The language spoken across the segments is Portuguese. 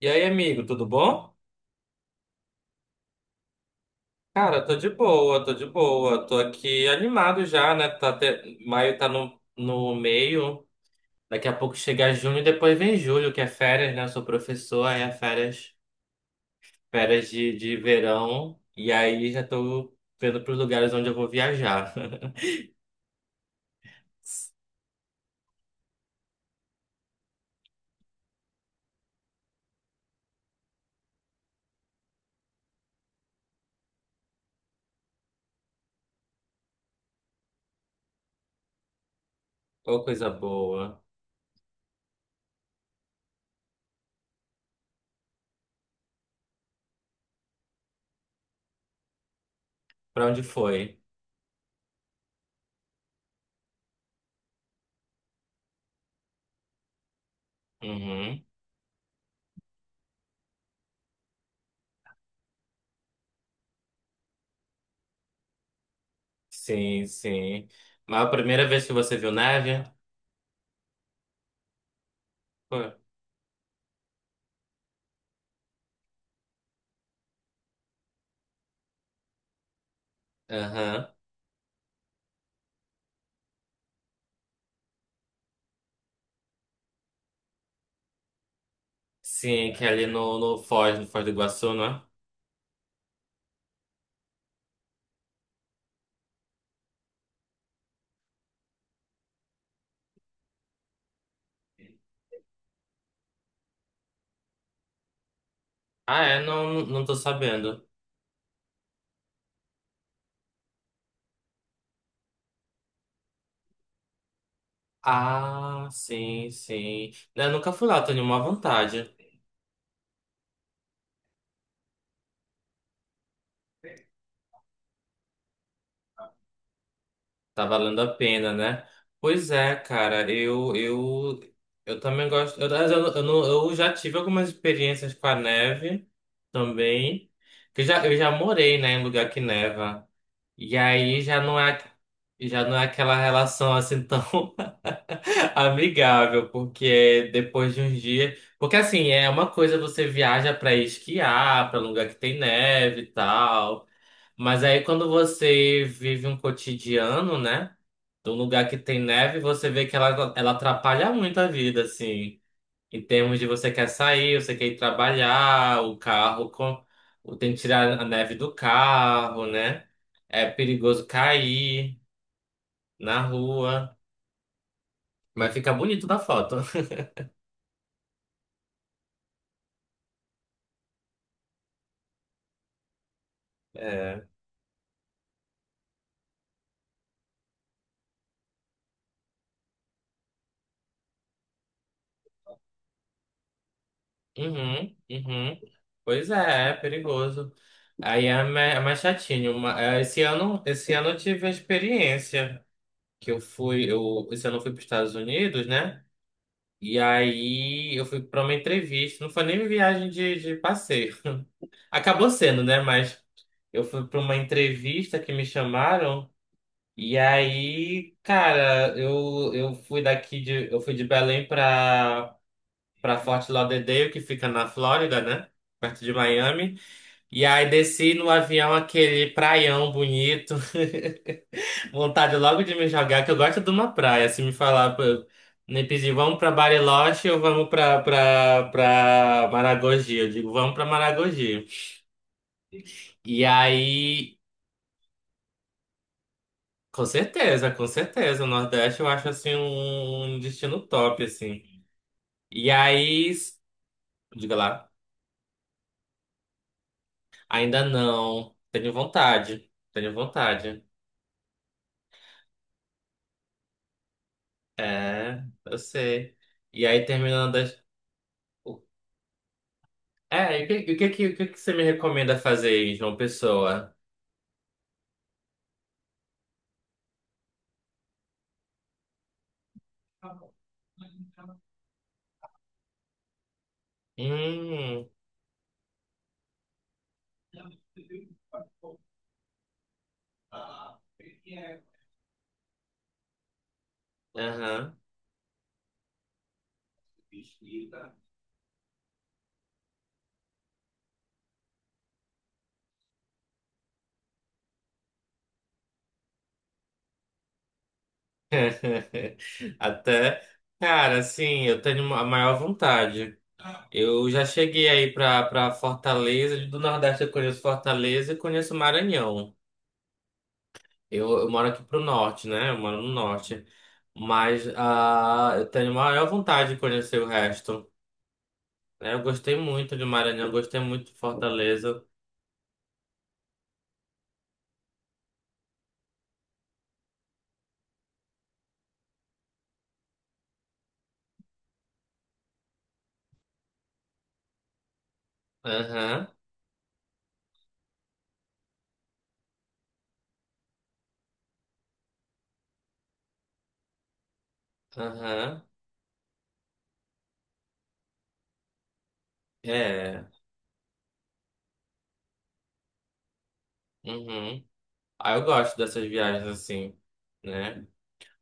E aí, amigo, tudo bom? Cara, tô de boa, tô de boa. Tô aqui animado já, né? Maio tá no meio. Daqui a pouco chega junho e depois vem julho, que é férias, né? Eu sou professor, aí é férias de verão. E aí já tô vendo pros lugares onde eu vou viajar. Ô, coisa boa. Pra onde foi? Uhum. Sim, sim. Mas a primeira vez que você viu neve? Foi. Aham. Sim, que é ali no Foz do Iguaçu, não é? Ah, é? Não, não tô sabendo. Ah, sim, sim. Eu nunca fui lá, tô em uma vontade. Tá valendo a pena, né? Pois é, cara, eu também gosto. Eu, não- Eu já tive algumas experiências com a neve também. Que eu já morei, né, em lugar que neva. E aí já não é aquela relação assim tão amigável, porque é depois de uns dias. Porque assim, é uma coisa você viaja pra esquiar, pra lugar que tem neve e tal. Mas aí quando você vive um cotidiano, né? De um lugar que tem neve, você vê que ela atrapalha muito a vida, assim. Em termos de você quer sair, você quer ir trabalhar, tem que tirar a neve do carro, né? É perigoso cair na rua. Mas fica bonito na foto. É. Uhum, uhum. Pois é, é perigoso. Aí é mais chatinho. Esse ano, eu tive a experiência que esse ano eu fui para os Estados Unidos, né? E aí eu fui para uma entrevista. Não foi nem viagem de passeio. Acabou sendo, né? Mas eu fui para uma entrevista que me chamaram. E aí, cara, eu fui de Belém para Fort Lauderdale, que fica na Flórida, né? Perto de Miami. E aí desci no avião aquele praião bonito. Vontade logo de me jogar, que eu gosto de uma praia. Se me falar, pô, me pedir, vamos pra Bariloche ou vamos pra Maragogi? Eu digo, vamos pra Maragogi. E aí, com certeza, com certeza. O Nordeste eu acho assim um destino top, assim. E aí, diga lá, ainda não. Tenho vontade, tenho vontade. É, eu sei. E aí, terminando as... o- É, e o que que você me recomenda fazer em João Pessoa? Hum, aham. Até... Cara, assim, eu tenho a maior vontade. Eu já cheguei aí pra Fortaleza. Do Nordeste eu conheço Fortaleza e conheço Maranhão. Eu moro aqui pro Norte, né? Eu moro no Norte. Mas eu tenho a maior vontade de conhecer o resto. É, eu gostei muito de Maranhão, gostei muito de Fortaleza. Aham, aham. É. Uhum. Ah, eu gosto dessas viagens assim, né?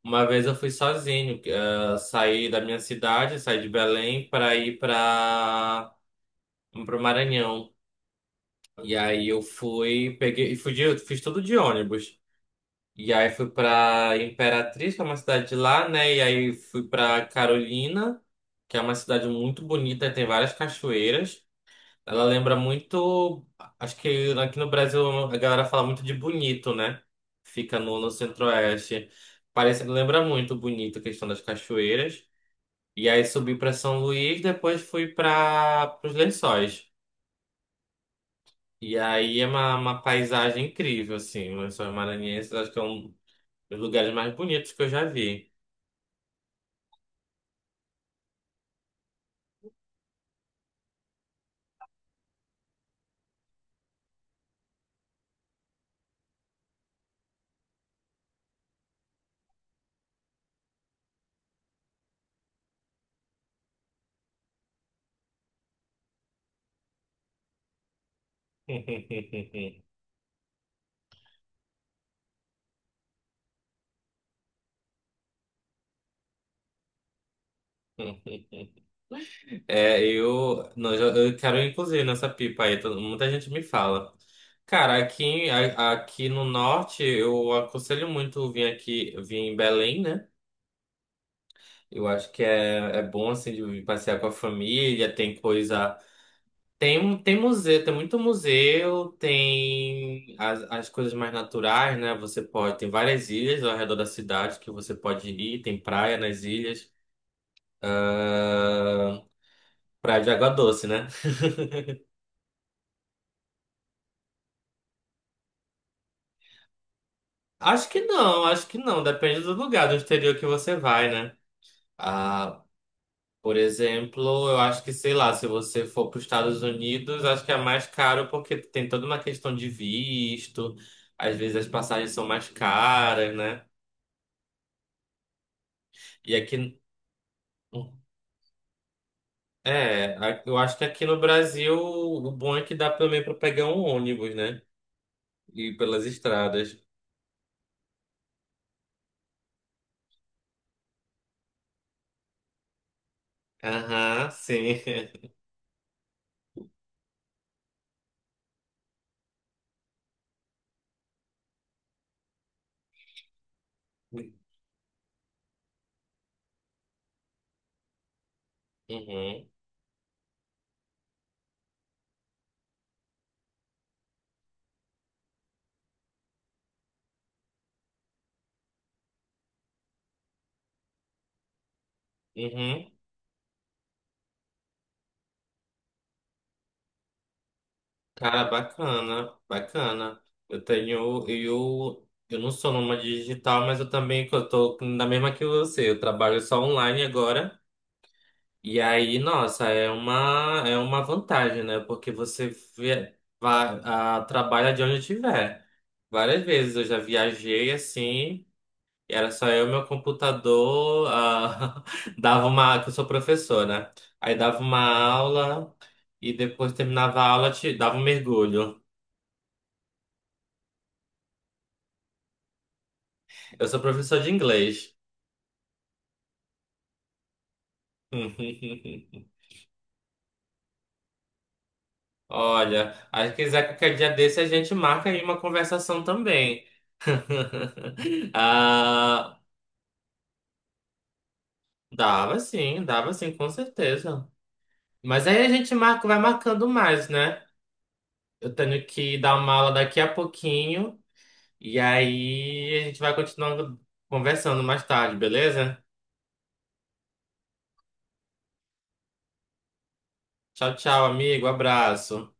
Uma vez eu fui sozinho, saí da minha cidade, saí de Belém para ir para o Maranhão. E aí eu fui, peguei, e fui de, fiz tudo de ônibus. E aí fui para Imperatriz, que é uma cidade de lá, né? E aí fui para Carolina, que é uma cidade muito bonita, tem várias cachoeiras. Ela lembra muito. Acho que aqui no Brasil a galera fala muito de Bonito, né? Fica no Centro-Oeste. Lembra muito Bonito a questão das cachoeiras. E aí subi para São Luís, depois fui para os Lençóis. E aí é uma paisagem incrível, assim. Os Lençóis Maranhenses acho que é um dos lugares mais bonitos que eu já vi. É, eu quero inclusive nessa pipa aí, muita gente me fala. Cara, aqui, aqui no norte, eu aconselho muito vir aqui, vir em Belém, né? Eu acho que é bom, assim, de vir passear com a família, tem coisa... Tem museu, tem muito museu, tem as coisas mais naturais, né? Você pode... Tem várias ilhas ao redor da cidade que você pode ir, tem praia nas ilhas, ah, praia de água doce, né? Acho que não, acho que não. Depende do lugar do exterior que você vai, né? Ah, por exemplo, eu acho que, sei lá, se você for para os Estados Unidos, acho que é mais caro porque tem toda uma questão de visto. Às vezes as passagens são mais caras, né? E aqui. É, eu acho que aqui no Brasil o bom é que dá também para pegar um ônibus, né? E ir pelas estradas. Aham, sim. Uhum, uhum. Cara, bacana, bacana. Eu não sou nômade digital, mas eu também, eu tô na mesma que você, eu trabalho só online agora. E aí, nossa, é uma vantagem, né? Porque você trabalha de onde tiver. Várias vezes eu já viajei assim, e era só eu, meu computador, dava uma, que eu sou professor, né? Aí dava uma aula e depois terminava a aula, dava um mergulho. Eu sou professor de inglês. Olha, aí se quiser qualquer dia desse a gente marca aí uma conversação também. Ah, dava sim, com certeza. Mas aí a gente marca, vai marcando mais, né? Eu tenho que dar uma aula daqui a pouquinho e aí a gente vai continuando conversando mais tarde, beleza? Tchau, tchau, amigo, abraço.